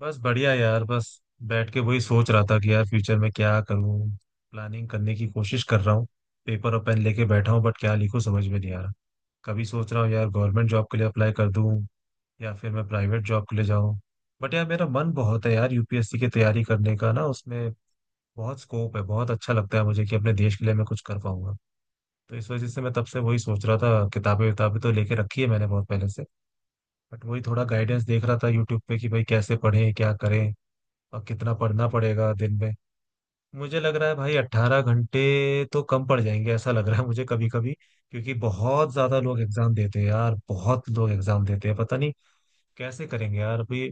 बस बढ़िया यार बस बैठ के वही सोच रहा था कि यार फ्यूचर में क्या करूं। प्लानिंग करने की कोशिश कर रहा हूँ। पेपर और पेन लेके बैठा हूँ बट क्या लिखूं समझ में नहीं आ रहा। कभी सोच रहा हूँ यार गवर्नमेंट जॉब के लिए अप्लाई कर दूं या फिर मैं प्राइवेट जॉब के लिए जाऊं। बट यार मेरा मन बहुत है यार यूपीएससी की तैयारी करने का ना। उसमें बहुत स्कोप है। बहुत अच्छा लगता है मुझे कि अपने देश के लिए मैं कुछ कर पाऊंगा। तो इस वजह से मैं तब से वही सोच रहा था। किताबें किताबें तो लेके रखी है मैंने बहुत पहले से। बट वही थोड़ा गाइडेंस देख रहा था यूट्यूब पे कि भाई कैसे पढ़ें क्या करें और कितना पढ़ना पड़ेगा दिन में। मुझे लग रहा है भाई 18 घंटे तो कम पड़ जाएंगे ऐसा लग रहा है मुझे कभी कभी। क्योंकि बहुत ज्यादा लोग एग्जाम देते हैं यार। बहुत लोग एग्जाम देते हैं। पता नहीं कैसे करेंगे यार। अभी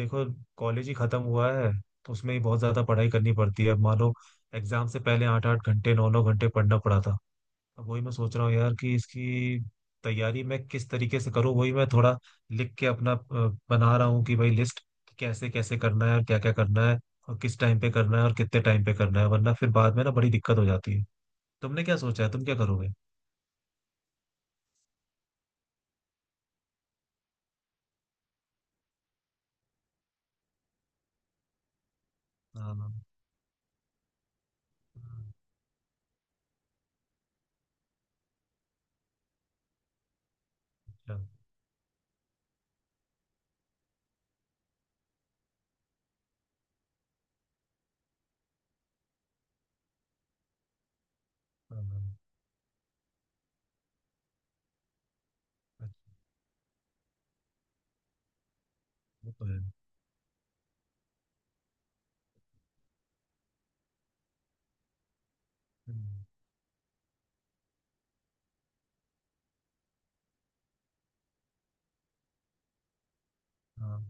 देखो कॉलेज ही खत्म हुआ है तो उसमें ही बहुत ज्यादा पढ़ाई करनी पड़ती है। अब मानो एग्जाम से पहले 8-8 घंटे 9-9 घंटे पढ़ना पड़ा था। अब वही मैं सोच रहा हूँ यार कि इसकी तैयारी मैं किस तरीके से करूँ। वही मैं थोड़ा लिख के अपना बना रहा हूँ कि भाई लिस्ट कैसे कैसे करना है और क्या क्या करना है और किस टाइम पे करना है और कितने टाइम पे करना है, वरना फिर बाद में ना बड़ी दिक्कत हो जाती है। तुमने क्या सोचा है, तुम क्या करोगे? हाँ हाँ। हाँ, अच्छा। हाँ, हाँ, अच्छा। वो तो है। हम्म। हाँ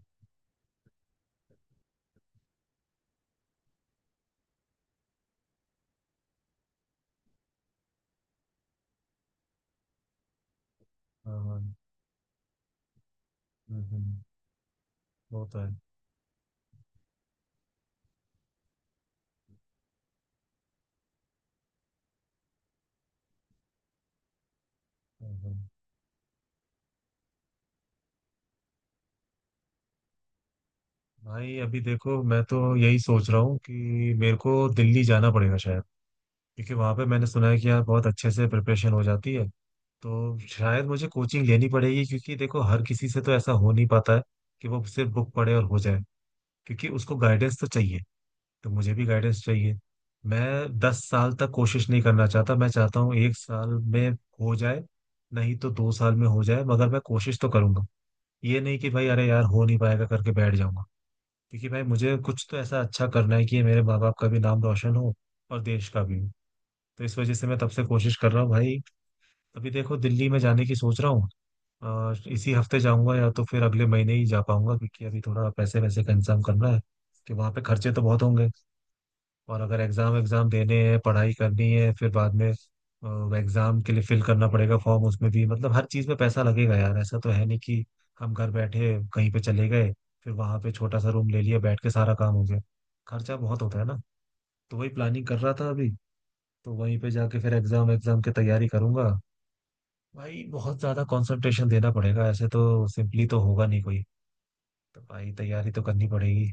हाँ। हाँ, हम्म। वो तो है। हाँ, हाँ। भाई अभी देखो मैं तो यही सोच रहा हूँ कि मेरे को दिल्ली जाना पड़ेगा शायद। क्योंकि वहाँ पे मैंने सुना है कि यार बहुत अच्छे से प्रिपरेशन हो जाती है। तो शायद मुझे कोचिंग लेनी पड़ेगी। क्योंकि देखो हर किसी से तो ऐसा हो नहीं पाता है कि वो सिर्फ बुक पढ़े और हो जाए। क्योंकि उसको गाइडेंस तो चाहिए। तो मुझे भी गाइडेंस चाहिए। मैं 10 साल तक कोशिश नहीं करना चाहता। मैं चाहता हूँ एक साल में हो जाए। नहीं तो 2 साल में हो जाए, मगर मैं कोशिश तो करूंगा। ये नहीं कि भाई अरे यार हो नहीं पाएगा करके बैठ जाऊंगा। क्योंकि भाई मुझे कुछ तो ऐसा अच्छा करना है कि मेरे माँ बाप का भी नाम रोशन हो और देश का भी। तो इस वजह से मैं तब से कोशिश कर रहा हूँ भाई। अभी देखो दिल्ली में जाने की सोच रहा हूँ। इसी हफ्ते जाऊंगा या तो फिर अगले महीने ही जा पाऊंगा। क्योंकि अभी थोड़ा पैसे वैसे का इंतजाम करना है कि वहाँ पे खर्चे तो बहुत होंगे। और अगर एग्जाम एग्जाम देने हैं, पढ़ाई करनी है, फिर बाद में एग्जाम के लिए फिल करना पड़ेगा फॉर्म। उसमें भी मतलब हर चीज में पैसा लगेगा यार। ऐसा तो है नहीं कि हम घर बैठे कहीं पे चले गए, फिर वहां पे छोटा सा रूम ले लिया, बैठ के सारा काम हो गया। खर्चा बहुत होता है ना। तो वही प्लानिंग कर रहा था अभी। तो वहीं पे जाके फिर एग्जाम एग्जाम की तैयारी करूंगा। भाई बहुत ज्यादा कंसंट्रेशन देना पड़ेगा। ऐसे तो सिंपली तो होगा नहीं कोई। तो भाई तैयारी तो करनी पड़ेगी।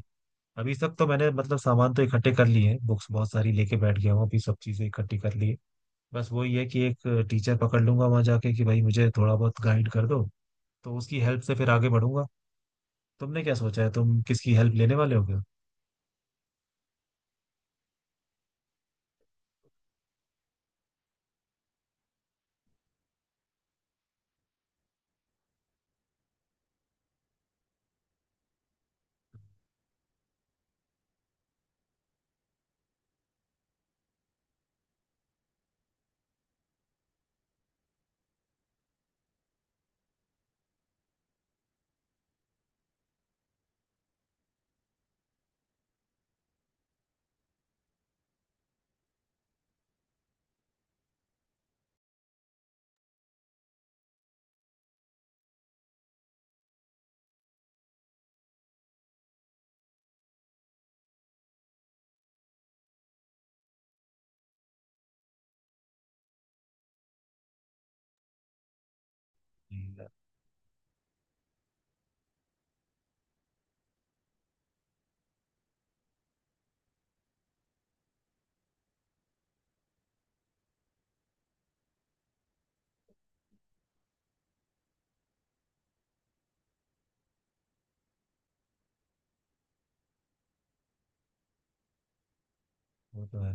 अभी तक तो मैंने मतलब सामान तो इकट्ठे कर लिए हैं। बुक्स बहुत सारी लेके बैठ गया हूँ। अभी सब चीजें इकट्ठी कर ली है। बस वही है कि एक टीचर पकड़ लूंगा वहां जाके कि भाई मुझे थोड़ा बहुत गाइड कर दो। तो उसकी हेल्प से फिर आगे बढ़ूंगा। तुमने क्या सोचा है? तुम किसकी हेल्प लेने वाले हो क्या? वो तो है।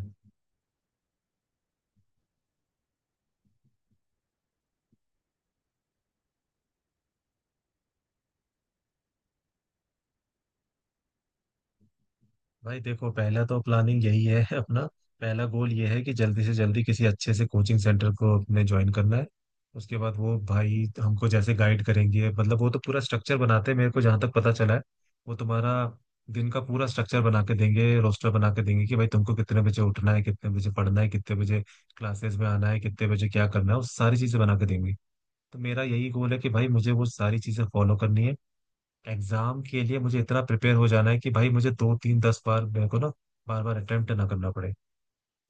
भाई देखो पहला तो प्लानिंग यही है अपना पहला गोल ये है कि जल्दी से जल्दी किसी अच्छे से कोचिंग सेंटर को अपने ज्वाइन करना है। उसके बाद वो भाई हमको जैसे गाइड करेंगे, मतलब वो तो पूरा स्ट्रक्चर बनाते हैं मेरे को, जहाँ तक पता चला है। वो तुम्हारा दिन का पूरा स्ट्रक्चर बना के देंगे, रोस्टर बना के देंगे कि भाई तुमको कितने बजे उठना है, कितने बजे पढ़ना है, कितने बजे क्लासेस में आना है, कितने बजे क्या करना है, वो सारी चीजें बना के देंगे। तो मेरा यही गोल है कि भाई मुझे वो सारी चीजें फॉलो करनी है। एग्जाम के लिए मुझे इतना प्रिपेयर हो जाना है कि भाई मुझे दो तीन दस बार मेरे को ना बार बार अटेम्प्ट ना करना पड़े।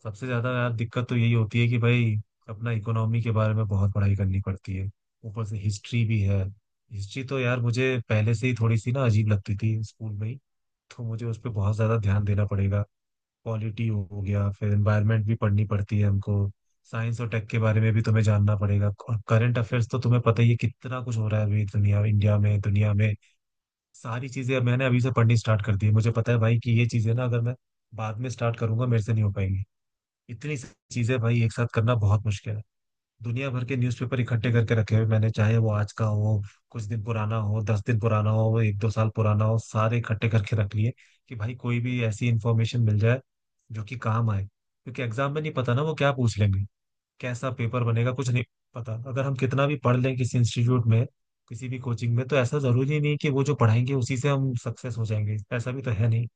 सबसे ज्यादा यार दिक्कत तो यही होती है कि भाई अपना इकोनॉमी के बारे में बहुत पढ़ाई करनी पड़ती है। ऊपर से हिस्ट्री भी है। हिस्ट्री तो यार मुझे पहले से ही थोड़ी सी ना अजीब लगती थी स्कूल में ही। तो मुझे उस पर बहुत ज्यादा ध्यान देना पड़ेगा। पॉलिटी हो गया। फिर एनवायरमेंट भी पढ़नी पड़ती है हमको। साइंस और टेक के बारे में भी तुम्हें जानना पड़ेगा। और करंट अफेयर्स तो तुम्हें पता ही है कितना कुछ हो रहा है अभी दुनिया, इंडिया में, दुनिया में। सारी चीजें अब मैंने अभी से पढ़नी स्टार्ट कर दी है। मुझे पता है भाई कि ये चीजें ना अगर मैं बाद में स्टार्ट करूंगा मेरे से नहीं हो पाएंगी। इतनी सी चीजें भाई एक साथ करना बहुत मुश्किल है। दुनिया भर के न्यूज़पेपर इकट्ठे करके रखे हुए मैंने, चाहे वो आज का हो, कुछ दिन पुराना हो, 10 दिन पुराना हो, वो 1-2 साल पुराना हो, सारे इकट्ठे करके रख लिए कि भाई कोई भी ऐसी इंफॉर्मेशन मिल जाए जो कि काम आए। क्योंकि एग्जाम में नहीं पता ना वो क्या पूछ लेंगे, कैसा पेपर बनेगा, कुछ नहीं पता। अगर हम कितना भी पढ़ लें किसी इंस्टीट्यूट में, किसी भी कोचिंग में, तो ऐसा जरूरी नहीं कि वो जो पढ़ाएंगे उसी से हम सक्सेस हो जाएंगे। ऐसा भी तो है नहीं।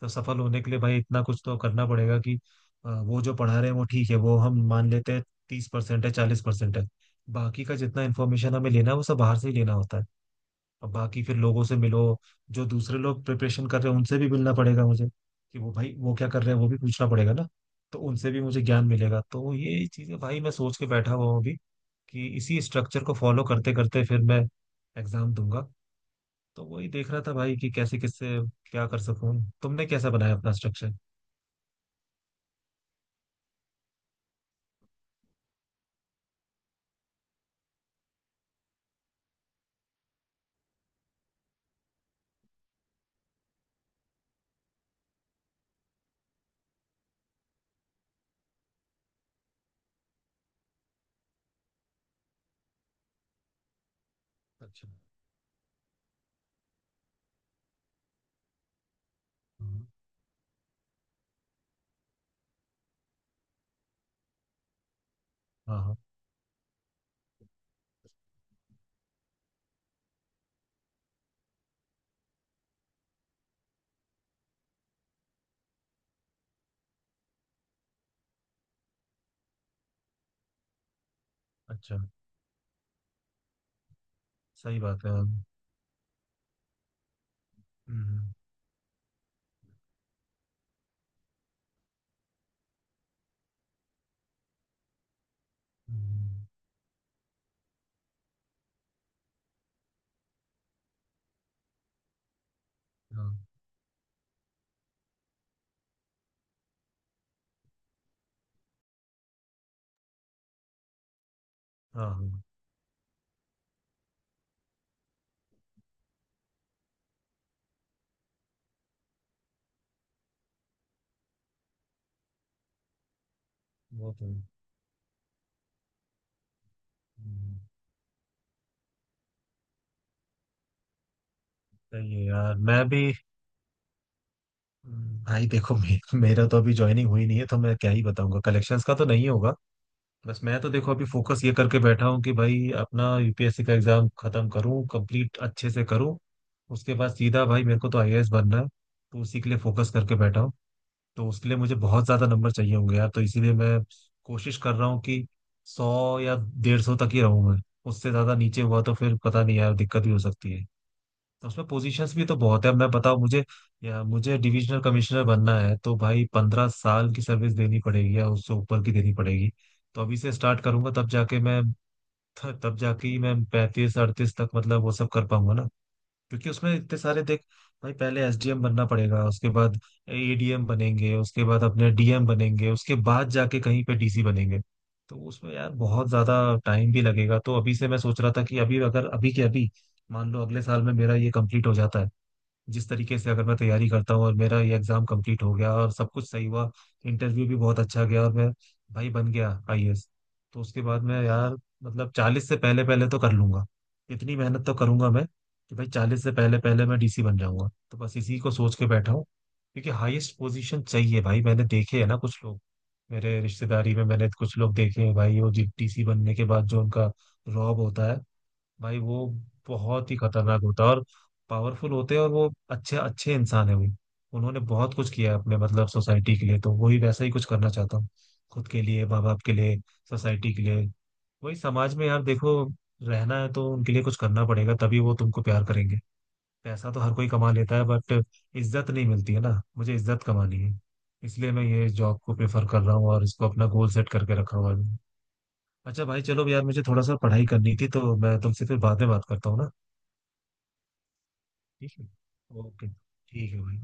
तो सफल होने के लिए भाई इतना कुछ तो करना पड़ेगा कि वो जो पढ़ा रहे हैं वो ठीक है, वो हम मान लेते हैं। 30% है, 40% है। बाकी का जितना इन्फॉर्मेशन हमें लेना है वो सब बाहर से ही लेना होता है। अब बाकी फिर लोगों से मिलो, जो दूसरे लोग प्रिपरेशन कर रहे हैं उनसे भी मिलना पड़ेगा मुझे, कि वो भाई वो क्या कर रहे हैं वो भी पूछना पड़ेगा ना। तो उनसे भी मुझे ज्ञान मिलेगा। तो ये चीजें भाई मैं सोच के बैठा हुआ हूँ अभी कि इसी स्ट्रक्चर को फॉलो करते करते फिर मैं एग्जाम दूंगा। तो वही देख रहा था भाई कि कैसे किससे क्या कर सकूं। तुमने कैसा बनाया अपना स्ट्रक्चर? अच्छा। हम्म, हाँ हाँ। अच्छा, सही बात है। हम्म, हम्म। हाँ हाँ। हाँ, वो तो है। हम्म, सही है यार। मैं भी हम्म। भाई देखो मेरा तो अभी ज्वाइनिंग हुई नहीं है तो मैं क्या ही बताऊंगा, कलेक्शंस का तो नहीं होगा। बस मैं तो देखो अभी फोकस ये करके बैठा हूँ कि भाई अपना यूपीएससी का एग्जाम खत्म करूँ, कंप्लीट अच्छे से करूँ। उसके बाद सीधा भाई मेरे को तो आईएएस बनना है। तो उसी के लिए फोकस करके बैठा हूँ। तो उसके लिए मुझे बहुत ज्यादा नंबर चाहिए होंगे यार। तो इसीलिए मैं कोशिश कर रहा हूँ कि 100 या 150 तक ही रहूँ मैं। उससे ज्यादा नीचे हुआ तो फिर पता नहीं यार दिक्कत भी हो सकती है। तो उसमें पोजीशंस भी तो बहुत है, मैं बताऊं मुझे या मुझे डिविजनल कमिश्नर बनना है तो भाई 15 साल की सर्विस देनी पड़ेगी या उससे ऊपर की देनी पड़ेगी। तो अभी से स्टार्ट करूंगा तब जाके मैं, तब जाके ही मैं 35-38 तक मतलब वो सब कर पाऊंगा ना। क्योंकि उसमें इतने सारे देख, भाई पहले एसडीएम बनना पड़ेगा, उसके बाद एडीएम बनेंगे, उसके बाद अपने डीएम बनेंगे, उसके बाद जाके कहीं पे डीसी बनेंगे। तो उसमें यार बहुत ज्यादा टाइम भी लगेगा। तो अभी से मैं सोच रहा था कि अभी, अगर अभी के अभी मान लो अगले साल में मेरा ये कंप्लीट हो जाता है, जिस तरीके से अगर मैं तैयारी करता हूँ और मेरा ये एग्जाम कंप्लीट हो गया और सब कुछ सही हुआ, इंटरव्यू भी बहुत अच्छा गया और मैं भाई बन गया आईएएस। तो उसके बाद मैं यार मतलब 40 से पहले पहले तो कर लूंगा। इतनी मेहनत तो करूंगा मैं कि भाई 40 से पहले पहले मैं डीसी बन जाऊंगा। तो बस इसी को सोच के बैठा हूँ। क्योंकि हाईएस्ट पोजीशन चाहिए भाई। मैंने देखे है ना कुछ लोग, मेरे रिश्तेदारी में मैंने कुछ लोग देखे हैं भाई, वो डीसी बनने के बाद जो उनका रॉब होता है भाई वो बहुत ही खतरनाक होता है। और पावरफुल होते हैं। और वो अच्छे अच्छे इंसान है वो, उन्होंने बहुत कुछ किया है अपने मतलब सोसाइटी के लिए। तो वही वैसा ही कुछ करना चाहता हूँ, खुद के लिए, माँ बाप के लिए, सोसाइटी के लिए। वही समाज में यार देखो रहना है तो उनके लिए कुछ करना पड़ेगा, तभी वो तुमको प्यार करेंगे। पैसा तो हर कोई कमा लेता है बट इज्जत नहीं मिलती है ना। मुझे इज्जत कमानी है। इसलिए मैं ये जॉब को प्रेफर कर रहा हूँ और इसको अपना गोल सेट करके रखा हुआ है। अच्छा भाई चलो यार, मुझे थोड़ा सा पढ़ाई करनी थी, तो मैं तुमसे फिर बाद में बात करता हूँ ना। ठीक है। ओके ठीक है भाई।